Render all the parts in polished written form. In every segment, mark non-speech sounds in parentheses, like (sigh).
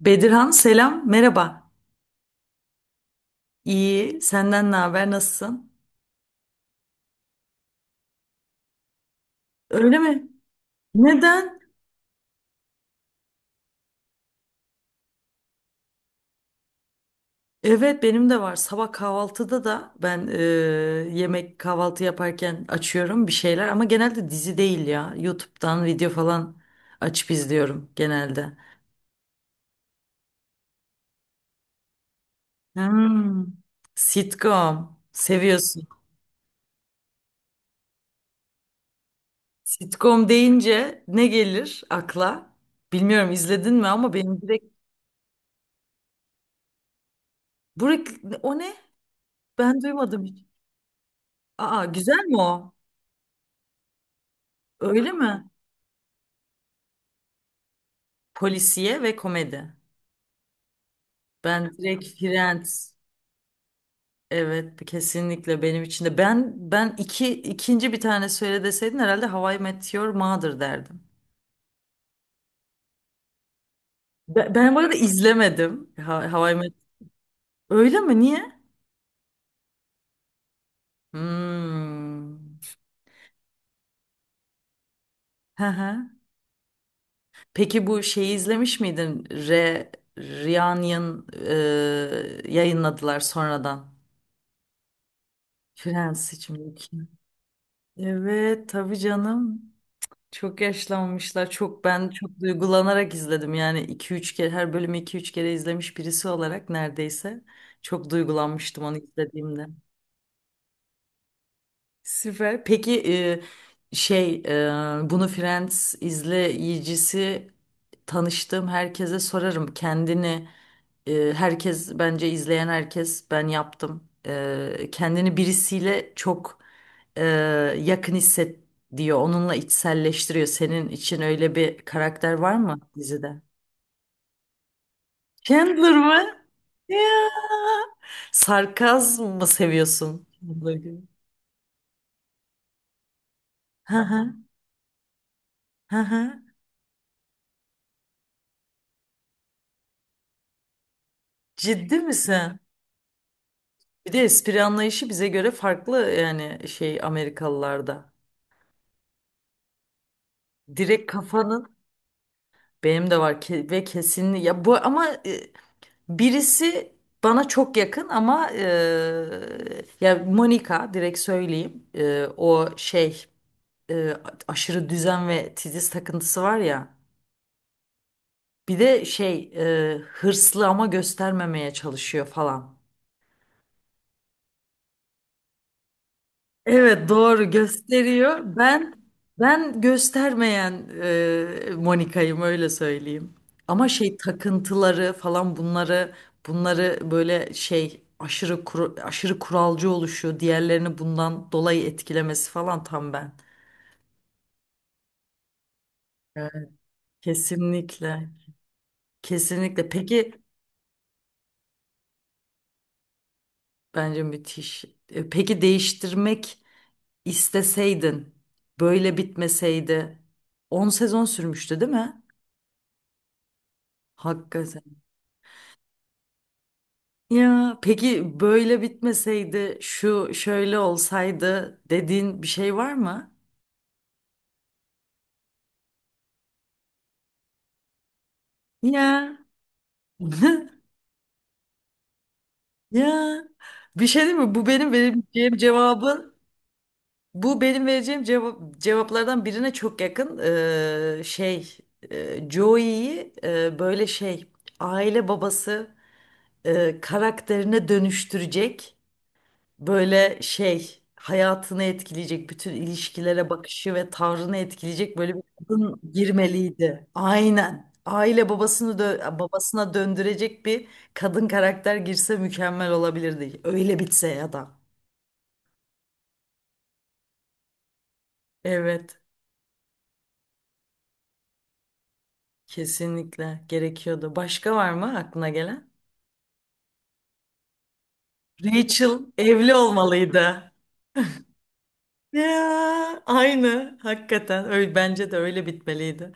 Bedirhan selam, merhaba. İyi, senden ne haber, nasılsın? Öyle mi? Neden? Evet benim de var. Sabah kahvaltıda da yemek kahvaltı yaparken açıyorum bir şeyler ama genelde dizi değil ya. YouTube'dan video falan açıp izliyorum genelde. Hmm, sitcom seviyorsun. Sitcom deyince ne gelir akla? Bilmiyorum izledin mi ama benim direkt... Burek, o ne? Ben duymadım hiç. Aa güzel mi o? Öyle mi? Polisiye ve komedi. Ben direkt Friends. Evet, kesinlikle benim için de. Ben ikinci bir tane söyle deseydin herhalde How I Met Your Mother derdim. Ben bu arada izlemedim. How I Met. Öyle mi? Niye? Hmm. Hı hı. Peki bu şeyi izlemiş miydin? Reunion yayınladılar sonradan. Friends için. Evet, tabii canım. Çok yaşlanmışlar. Çok duygulanarak izledim. Yani 2-3 kere her bölümü 2-3 kere izlemiş birisi olarak neredeyse çok duygulanmıştım onu izlediğimde. Süper. Peki, bunu Friends izleyicisi tanıştığım herkese sorarım. Herkes bence izleyen herkes ben yaptım. Kendini birisiyle çok e, yakın hisset diyor. Onunla içselleştiriyor. Senin için öyle bir karakter var mı dizide? Chandler mı? Ya. Sarkazm mı seviyorsun? Chandler gibi. Hı hı. Hı hı. Ciddi misin? Bir de espri anlayışı bize göre farklı yani şey Amerikalılarda. Direkt kafanın benim de var ve kesin ya bu ama birisi bana çok yakın ama ya Monica direkt söyleyeyim. O e, aşırı düzen ve titiz takıntısı var ya, bir de hırslı ama göstermemeye çalışıyor falan. Evet doğru gösteriyor. Ben göstermeyen Monika'yım öyle söyleyeyim. Ama şey takıntıları falan bunları böyle şey aşırı kuralcı oluşu, diğerlerini bundan dolayı etkilemesi falan tam ben. Evet. Kesinlikle. Kesinlikle. Peki bence müthiş. Peki değiştirmek isteseydin böyle bitmeseydi 10 sezon sürmüştü değil mi? Hakikaten. Ya peki böyle bitmeseydi, şu şöyle olsaydı dediğin bir şey var mı? Ya. (laughs) Ya. Bir şey değil mi? Bu benim vereceğim cevaplardan birine çok yakın. Ee, şey, Joey'yi böyle aile babası karakterine dönüştürecek, böyle şey hayatını etkileyecek, bütün ilişkilere bakışı ve tavrını etkileyecek böyle bir kadın girmeliydi. Aynen. Aile babasına döndürecek bir kadın karakter girse mükemmel olabilirdi. Öyle bitse ya da. Evet, kesinlikle gerekiyordu. Başka var mı aklına gelen? Rachel evli olmalıydı. Ya, aynı hakikaten öyle bence de öyle bitmeliydi.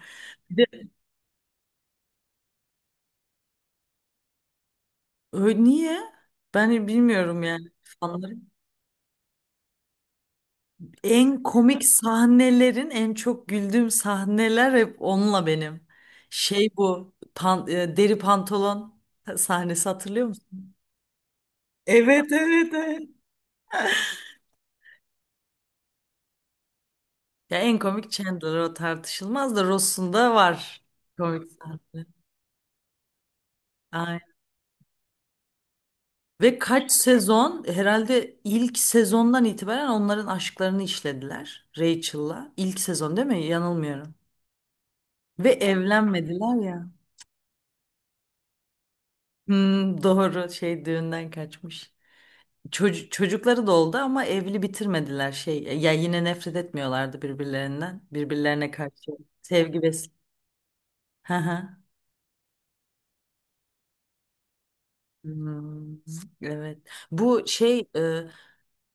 Bir de niye? Ben bilmiyorum yani. Fanları. En komik sahnelerin, en çok güldüğüm sahneler hep onunla benim. Şey bu deri pantolon sahnesi hatırlıyor musun? Evet evet evet. Ya en komik Chandler o tartışılmaz da Ross'un da var komik sahne. Aynen. Ve kaç sezon, herhalde ilk sezondan itibaren onların aşklarını işlediler Rachel'la. İlk sezon değil mi? Yanılmıyorum. Ve evlenmediler ya. Hmm, doğru şey düğünden kaçmış. Çocukları da oldu ama evli bitirmediler şey. Ya yine nefret etmiyorlardı birbirlerinden. Birbirlerine karşı sevgi ve hı hı. Hmm, evet. Bu şey e,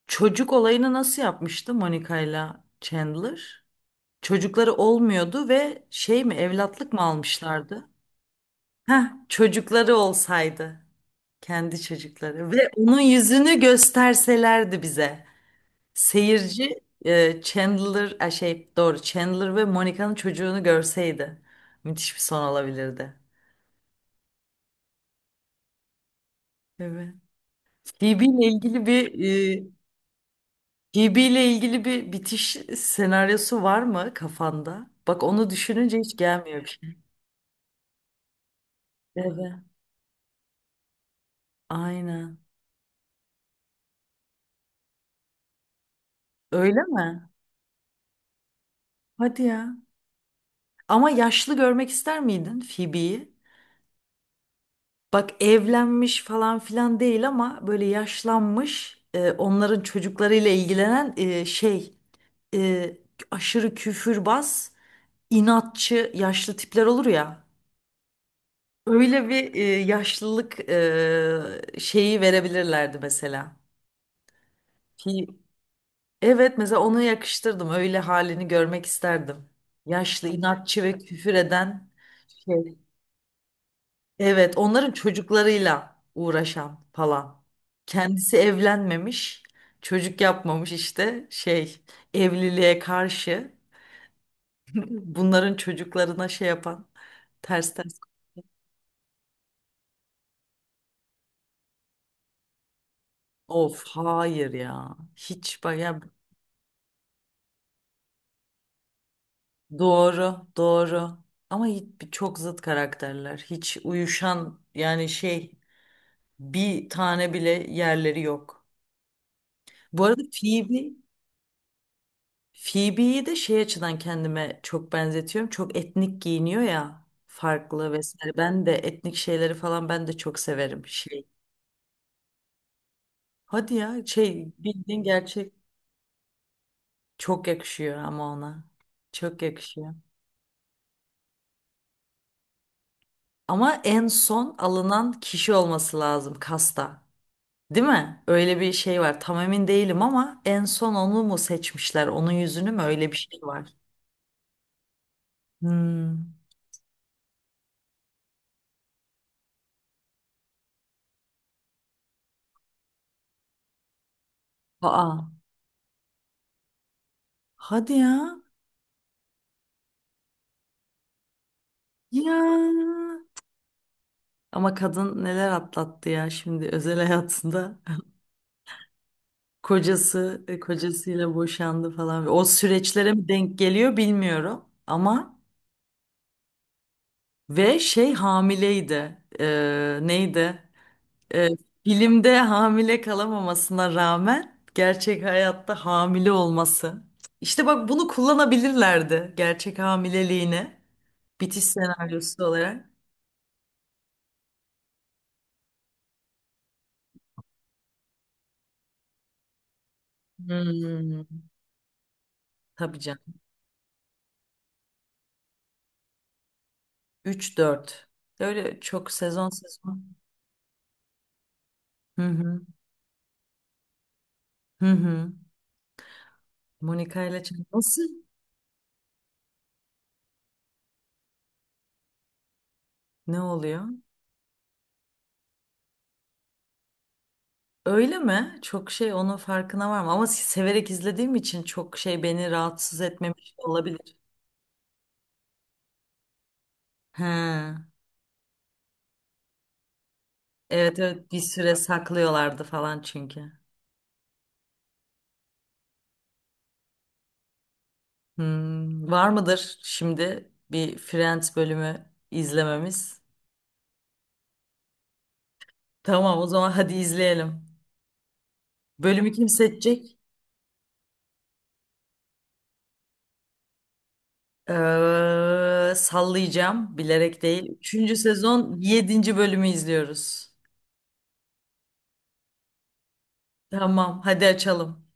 Çocuk olayını nasıl yapmıştı Monica'yla Chandler? Çocukları olmuyordu ve şey mi, evlatlık mı almışlardı? Heh, çocukları olsaydı. Kendi çocukları ve onun yüzünü gösterselerdi bize. Seyirci e, Chandler e, şey doğru Chandler ve Monica'nın çocuğunu görseydi müthiş bir son olabilirdi. Evet. Phoebe ile ilgili bir e, Phoebe ile ilgili bir bitiş senaryosu var mı kafanda? Bak onu düşününce hiç gelmiyor bir şey. Evet. Aynen. Öyle mi? Hadi ya. Ama yaşlı görmek ister miydin Phoebe'yi? Bak evlenmiş falan filan değil ama böyle yaşlanmış, onların çocuklarıyla ilgilenen, e, aşırı küfürbaz, inatçı yaşlı tipler olur ya. Öyle bir yaşlılık şeyi verebilirlerdi mesela. Ki, evet mesela onu yakıştırdım. Öyle halini görmek isterdim. Yaşlı, inatçı ve küfür eden şey. Evet, onların çocuklarıyla uğraşan falan. Kendisi evlenmemiş, çocuk yapmamış işte şey, evliliğe karşı (laughs) bunların çocuklarına şey yapan, ters ters. Of hayır ya. Hiç bak ya, doğru doğru. Ama hiç, çok zıt karakterler. Hiç uyuşan yani şey bir tane bile yerleri yok. Bu arada Phoebe Phoebe'yi de şey açıdan kendime çok benzetiyorum. Çok etnik giyiniyor ya, farklı vesaire. Ben de etnik şeyleri falan ben de çok severim. Şey. Hadi ya şey bildiğin gerçek. Çok yakışıyor ama ona. Çok yakışıyor. Ama en son alınan kişi olması lazım kasta. Değil mi? Öyle bir şey var. Tam emin değilim ama en son onu mu seçmişler? Onun yüzünü mü? Öyle bir şey var. Hmm. Aa. Hadi ya. Ya. Ama kadın neler atlattı ya şimdi özel hayatında. (laughs) Kocasıyla boşandı falan. O süreçlere mi denk geliyor bilmiyorum. Ama ve şey hamileydi. Neydi? E, Filmde hamile kalamamasına rağmen gerçek hayatta hamile olması. İşte bak bunu kullanabilirlerdi, gerçek hamileliğine bitiş senaryosu olarak. Hmm, tabii canım. Üç dört. Öyle çok sezon sezon. Hı hı. Hı hı. Nasıl? Ne oluyor? Öyle mi? Çok şey onun farkına var mı? Ama severek izlediğim için çok şey beni rahatsız etmemiş olabilir. He. Evet evet bir süre saklıyorlardı falan çünkü. Hmm, var mıdır şimdi bir Friends bölümü izlememiz? Tamam o zaman hadi izleyelim. Bölümü kim seçecek? Sallayacağım bilerek değil. Üçüncü sezon yedinci bölümü izliyoruz. Tamam hadi açalım.